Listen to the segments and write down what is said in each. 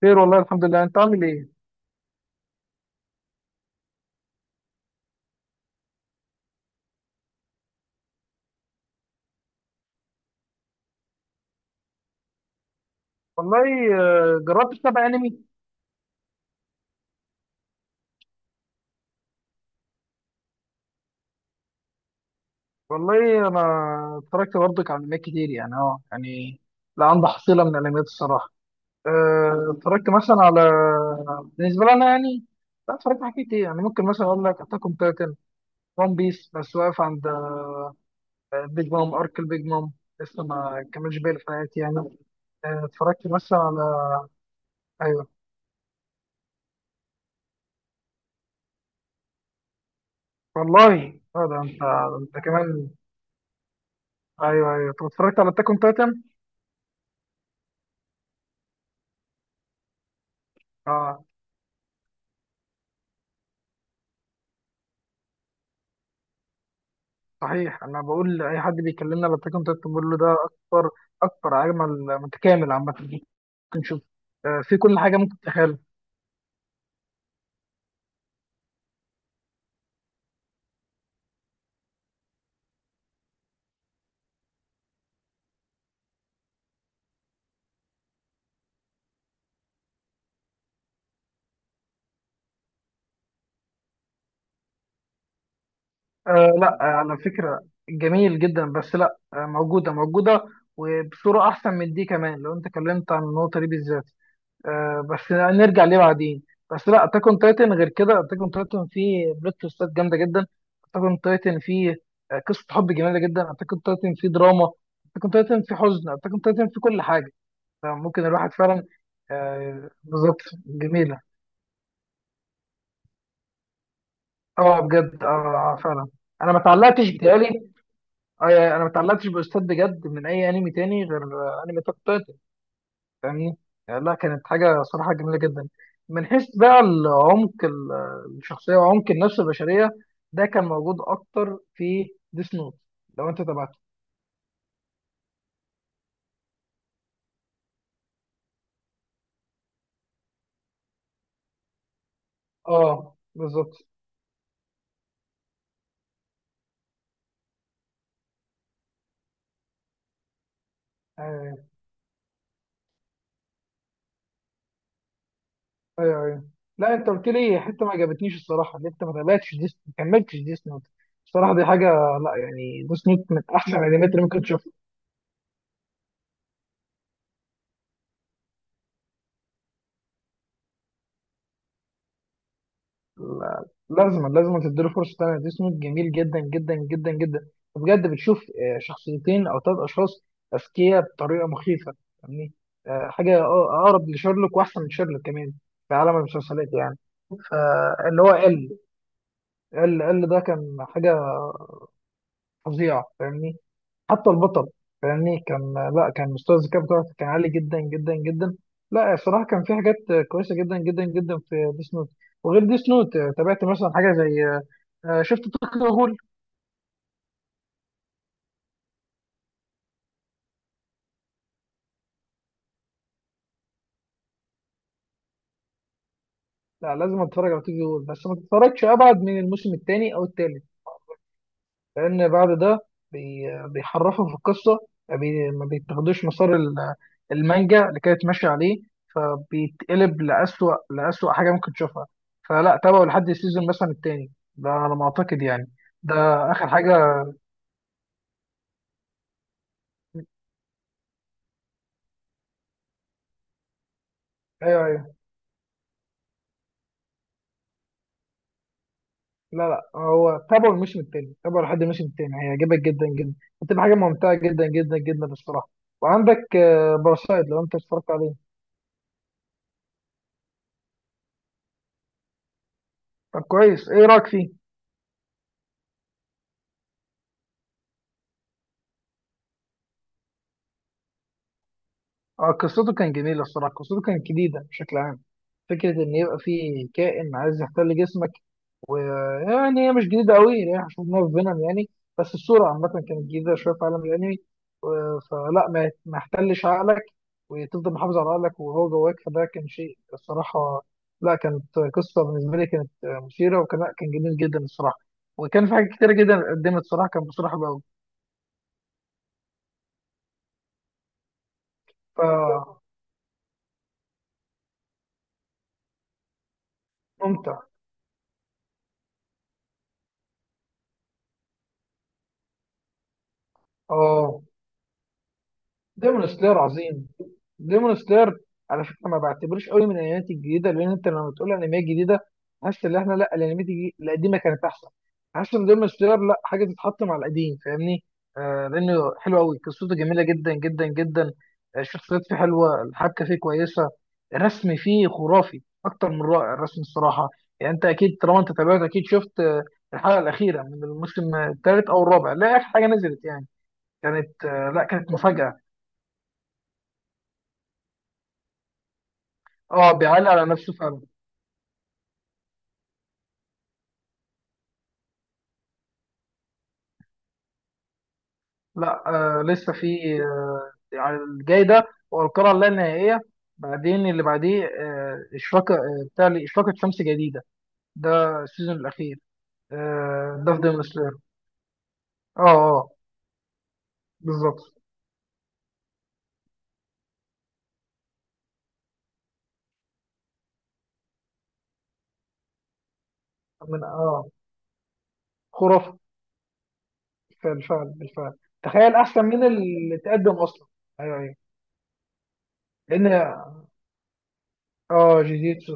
خير والله الحمد لله. انت عامل ايه؟ والله. جربت تتابع انمي؟ والله انا اتفرجت برضك على انميات كتير يعني اه يعني لا، عندي حصيله من الانميات الصراحه. اتفرجت مثلا على، بالنسبه لي انا يعني لا، اتفرجت على حاجات كتير. يعني ممكن مثلا اقول لك اتاك اون تايتن وان بيس، بس واقف عند بيج مام ارك، البيج مام لسه ما كملش باقي الحلقات يعني. اتفرجت مثلا على، ايوه والله اه ده انت، انت كمان. ايوه ايوه، طب اتفرجت على اتاك اون تايتن؟ صحيح، انا بقول لاي حد بيكلمنا على التكن تك بقول له ده اكتر، اكتر، اجمل، متكامل عامه. ممكن تشوف في كل حاجه ممكن تتخيلها. آه لا، على فكره، جميل جدا بس لا، آه موجوده موجوده، وبصوره احسن من دي كمان لو انت اتكلمت عن النقطه دي بالذات. آه بس نرجع ليه بعدين. بس لا، اتاك اون تايتن غير كده، اتاك اون تايتن فيه بلوت تويستات جامده جدا، اتاك اون تايتن فيه قصه حب جميله جدا، اتاك اون تايتن فيه دراما، اتاك اون تايتن فيه حزن، اتاك اون تايتن فيه كل حاجه. ممكن الواحد فعلا، بالظبط جميله. اه بجد اه، فعلا. انا ما اتعلقتش، بتهيألي يعني انا ما اتعلقتش باستاذ بجد من اي انمي تاني غير انمي تاك تايتن، فاهمني؟ يعني لا، كانت حاجه صراحه جميله جدا. من حيث بقى العمق الشخصيه وعمق النفس البشريه، ده كان موجود اكتر في ديس نوت، لو انت تابعته. اه بالظبط. ايوه ايوه، لا انت قلت لي حته ما عجبتنيش الصراحه، اللي انت ما تابعتش ديس، ما كملتش ديس نوت الصراحه، دي حاجه لا يعني، ديس نوت من احسن لا الانميات اللي ممكن تشوفها. لازم تديله فرصه تانيه، ديس نوت جميل جدا جدا جدا جدا بجد. بتشوف شخصيتين او ثلاث اشخاص اذكياء بطريقه مخيفه، يعني حاجه اقرب لشيرلوك، واحسن من شيرلوك كمان في عالم المسلسلات يعني. فاللي هو ال، ده كان حاجه فظيعه، فاهمني؟ حتى البطل، فاهمني، كان لا، كان مستوى الذكاء بتاعه كان عالي جدا جدا جدا. لا الصراحه كان في حاجات كويسه جدا جدا جدا في ديس نوت. وغير ديس نوت تابعت مثلا حاجه زي شفت توكيو غول؟ لا لازم اتفرج على توكيو غول، بس ما تتفرجش ابعد من الموسم الثاني او الثالث، لأن بعد ده بيحرفوا في القصة، ما بيتاخدوش مسار المانجا اللي كانت ماشية عليه، فبيتقلب لأسوأ، لأسوأ حاجة ممكن تشوفها. فلا، تابعوا لحد السيزون مثلا التاني ده على ما أعتقد يعني. ده آخر حاجة. أيوه أيوه، لا لا، هو تابعوا الموسم التاني، تابعوا لحد الموسم التاني هيعجبك جدا جدا، هتبقى حاجة ممتعة جدا جدا جدا الصراحة. وعندك باراسايت، لو أنت اتفرجت عليه. طب كويس، إيه رأيك فيه؟ قصته كان جميلة الصراحة، قصته كانت جديدة بشكل عام، فكرة إن يبقى في كائن عايز يحتل جسمك. ويعني هي مش جديدة قوي، يعني احنا شفناها في فينوم يعني، بس الصورة عامة كانت جديدة شوية في عالم الأنمي. فلا، ما يحتلش عقلك، وتفضل محافظ على عقلك وهو جواك، فده كان شيء الصراحة لا، كانت قصة بالنسبة لي كانت مثيرة، وكان لا، كان جميل جدا الصراحة، وكان في حاجات كتيرة جدا قدمت الصراحة، كان بصراحة بقى فممتع. اه ديمون سلاير عظيم. ديمون سلاير، على فكره ما بعتبرش قوي من الانميات الجديده، لان انت لما تقول انميات جديده حاسس ان احنا لا، الانميات القديمه كانت احسن. حاسس ان ديمون سلاير لا، حاجه تتحط مع القديم فاهمني؟ آه لانه حلو قوي، قصته جميله جدا جدا جدا، الشخصيات فيه حلوه، الحبكه فيه كويسه، الرسم فيه خرافي، اكتر من رائع الرسم الصراحه. يعني انت اكيد طالما انت تابعت اكيد شفت الحلقه الاخيره من الموسم الثالث او الرابع، لا اخر حاجه نزلت يعني، كانت لا كانت مفاجاه. اه بيعلي على نفسه فعلا. لا آه، لسه في يعني الجاي ده هو القرعه اللا نهائيه، بعدين اللي بعديه آه اشراقه، آه بتاع اشراقه شمس جديده، ده السيزون الاخير. آه ده في ديمون سلاير. اه اه، بالظبط. من اه، خرافه. بالفعل بالفعل. تخيل احسن من اللي تقدم اصلا. ايوه ايوه، لان اه جوجيتسو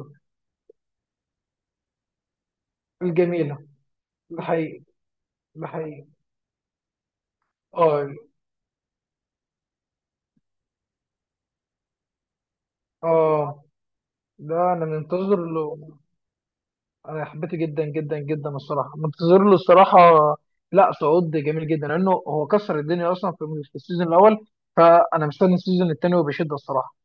الجميله، الحقيقي، الحقيقي. اه اه، ده انا منتظر له، انا حبيته جدا جدا جدا الصراحه، منتظر له الصراحه. لا صعود جميل جدا، لانه هو كسر الدنيا اصلا في السيزون الاول، فانا مستني السيزون الثاني وبشده الصراحه.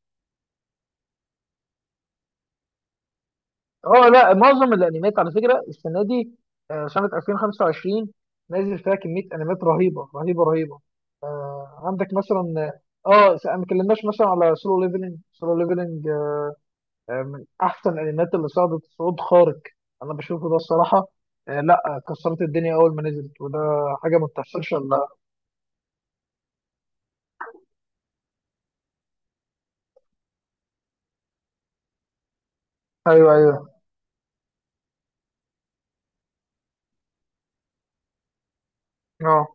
اه لا، معظم الانميات على فكره السنه دي، سنه 2025 نازل فيها كميه انميات رهيبه رهيبه رهيبه. عندك مثلا اه، ما اتكلمناش مثلا على سولو ليفلنج. سولو ليفلنج من احسن الانميات اللي صعدت صعود خارق، انا بشوفه ده الصراحه، لا كسرت الدنيا اول ما نزلت، وده حاجه ما بتحصلش الا. ايوه ايوه، اه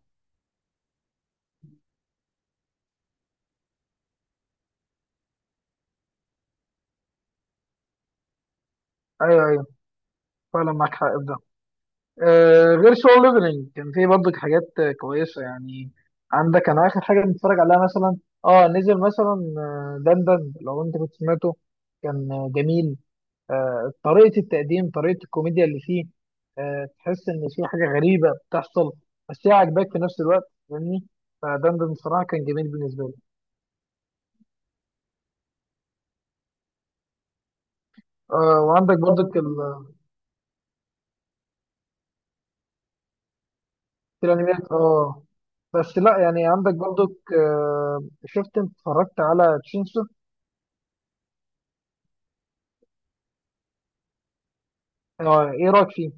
ايوه ايوه، فعلا معاك حق في ده. غير سول ليفلنج كان في برضه حاجات كويسه يعني. عندك انا اخر حاجه بنتفرج عليها مثلا، اه نزل مثلا دندن، لو انت كنت سمعته، كان جميل، طريقة التقديم، طريقة الكوميديا اللي فيه، تحس إن في حاجة غريبة بتحصل بس هي عاجباك في نفس الوقت فاهمني؟ ده بصراحة كان جميل بالنسبة لي. وعندك برضك الأنميات اه، بس لا يعني عندك برضك شفت انت اتفرجت على تشينسو؟ اه، ايه رأيك فيه؟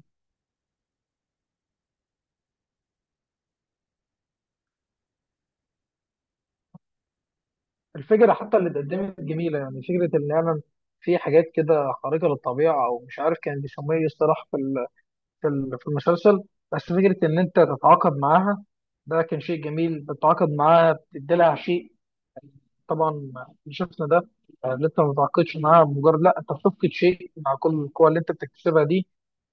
الفكرة حتى اللي اتقدمت جميلة، يعني فكرة إن فعلا في حاجات كده خارقة للطبيعة أو مش عارف كان بيسموها ايه الصراحة، في في المسلسل. بس فكرة إن أنت تتعاقد معاها، ده كان شيء جميل، بتتعاقد معاها بتدي لها شيء، طبعا اللي شفنا ده اللي أنت ما بتتعاقدش معاها مجرد لا، أنت بتفقد شيء مع كل القوة اللي أنت بتكتسبها دي.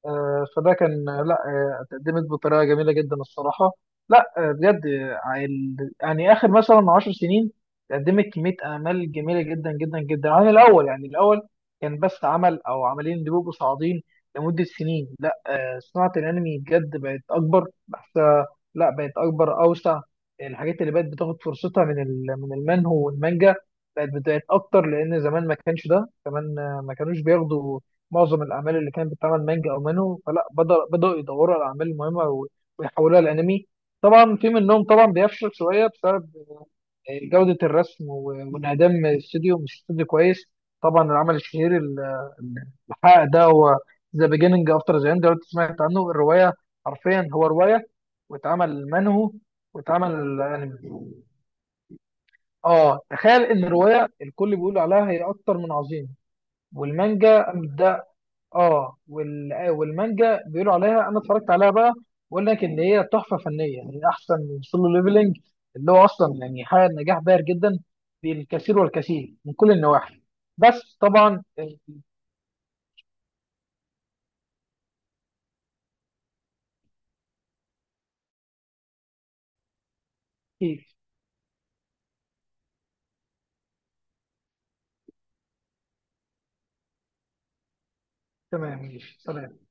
فده كان لا، اتقدمت بطريقه جميله جدا الصراحه. لا بجد يعني اخر مثلا 10 سنين قدمت كميه اعمال جميله جدا جدا جدا، عن الاول يعني، الاول كان بس عمل او عملين بيبقوا صاعدين لمده سنين، لا صناعه الانمي بجد بقت اكبر بحسها، لا بقت اكبر اوسع. الحاجات اللي بقت بتاخد فرصتها من من المنهو والمانجا بقت اكتر، لان زمان ما كانش ده كمان، ما كانوش بياخدوا معظم الاعمال اللي كانت بتتعمل مانجا او مانو، فلا بدأوا يدوروا على الاعمال المهمه ويحولوها لانمي. طبعا في منهم طبعا بيفشل شويه بسبب جوده الرسم وانعدام الاستوديو، مش استوديو كويس. طبعا العمل الشهير الحق ده، هو ذا بيجيننج افتر ذا اند، لو أنت سمعت عنه. الروايه حرفيا هو روايه، واتعمل منهو، واتعمل انمي. اه تخيل ان الروايه الكل بيقول عليها هي اكتر من عظيمه، والمانجا اه وال... والمانجا بيقولوا عليها، انا اتفرجت عليها بقى، بقول لك ان هي تحفه فنيه يعني، احسن من سولو ليفلنج، اللي هو اصلا يعني حقق نجاح باهر جدا، بالكثير والكثير من كل النواحي. بس طبعا كيف. تمام ماشي سلام.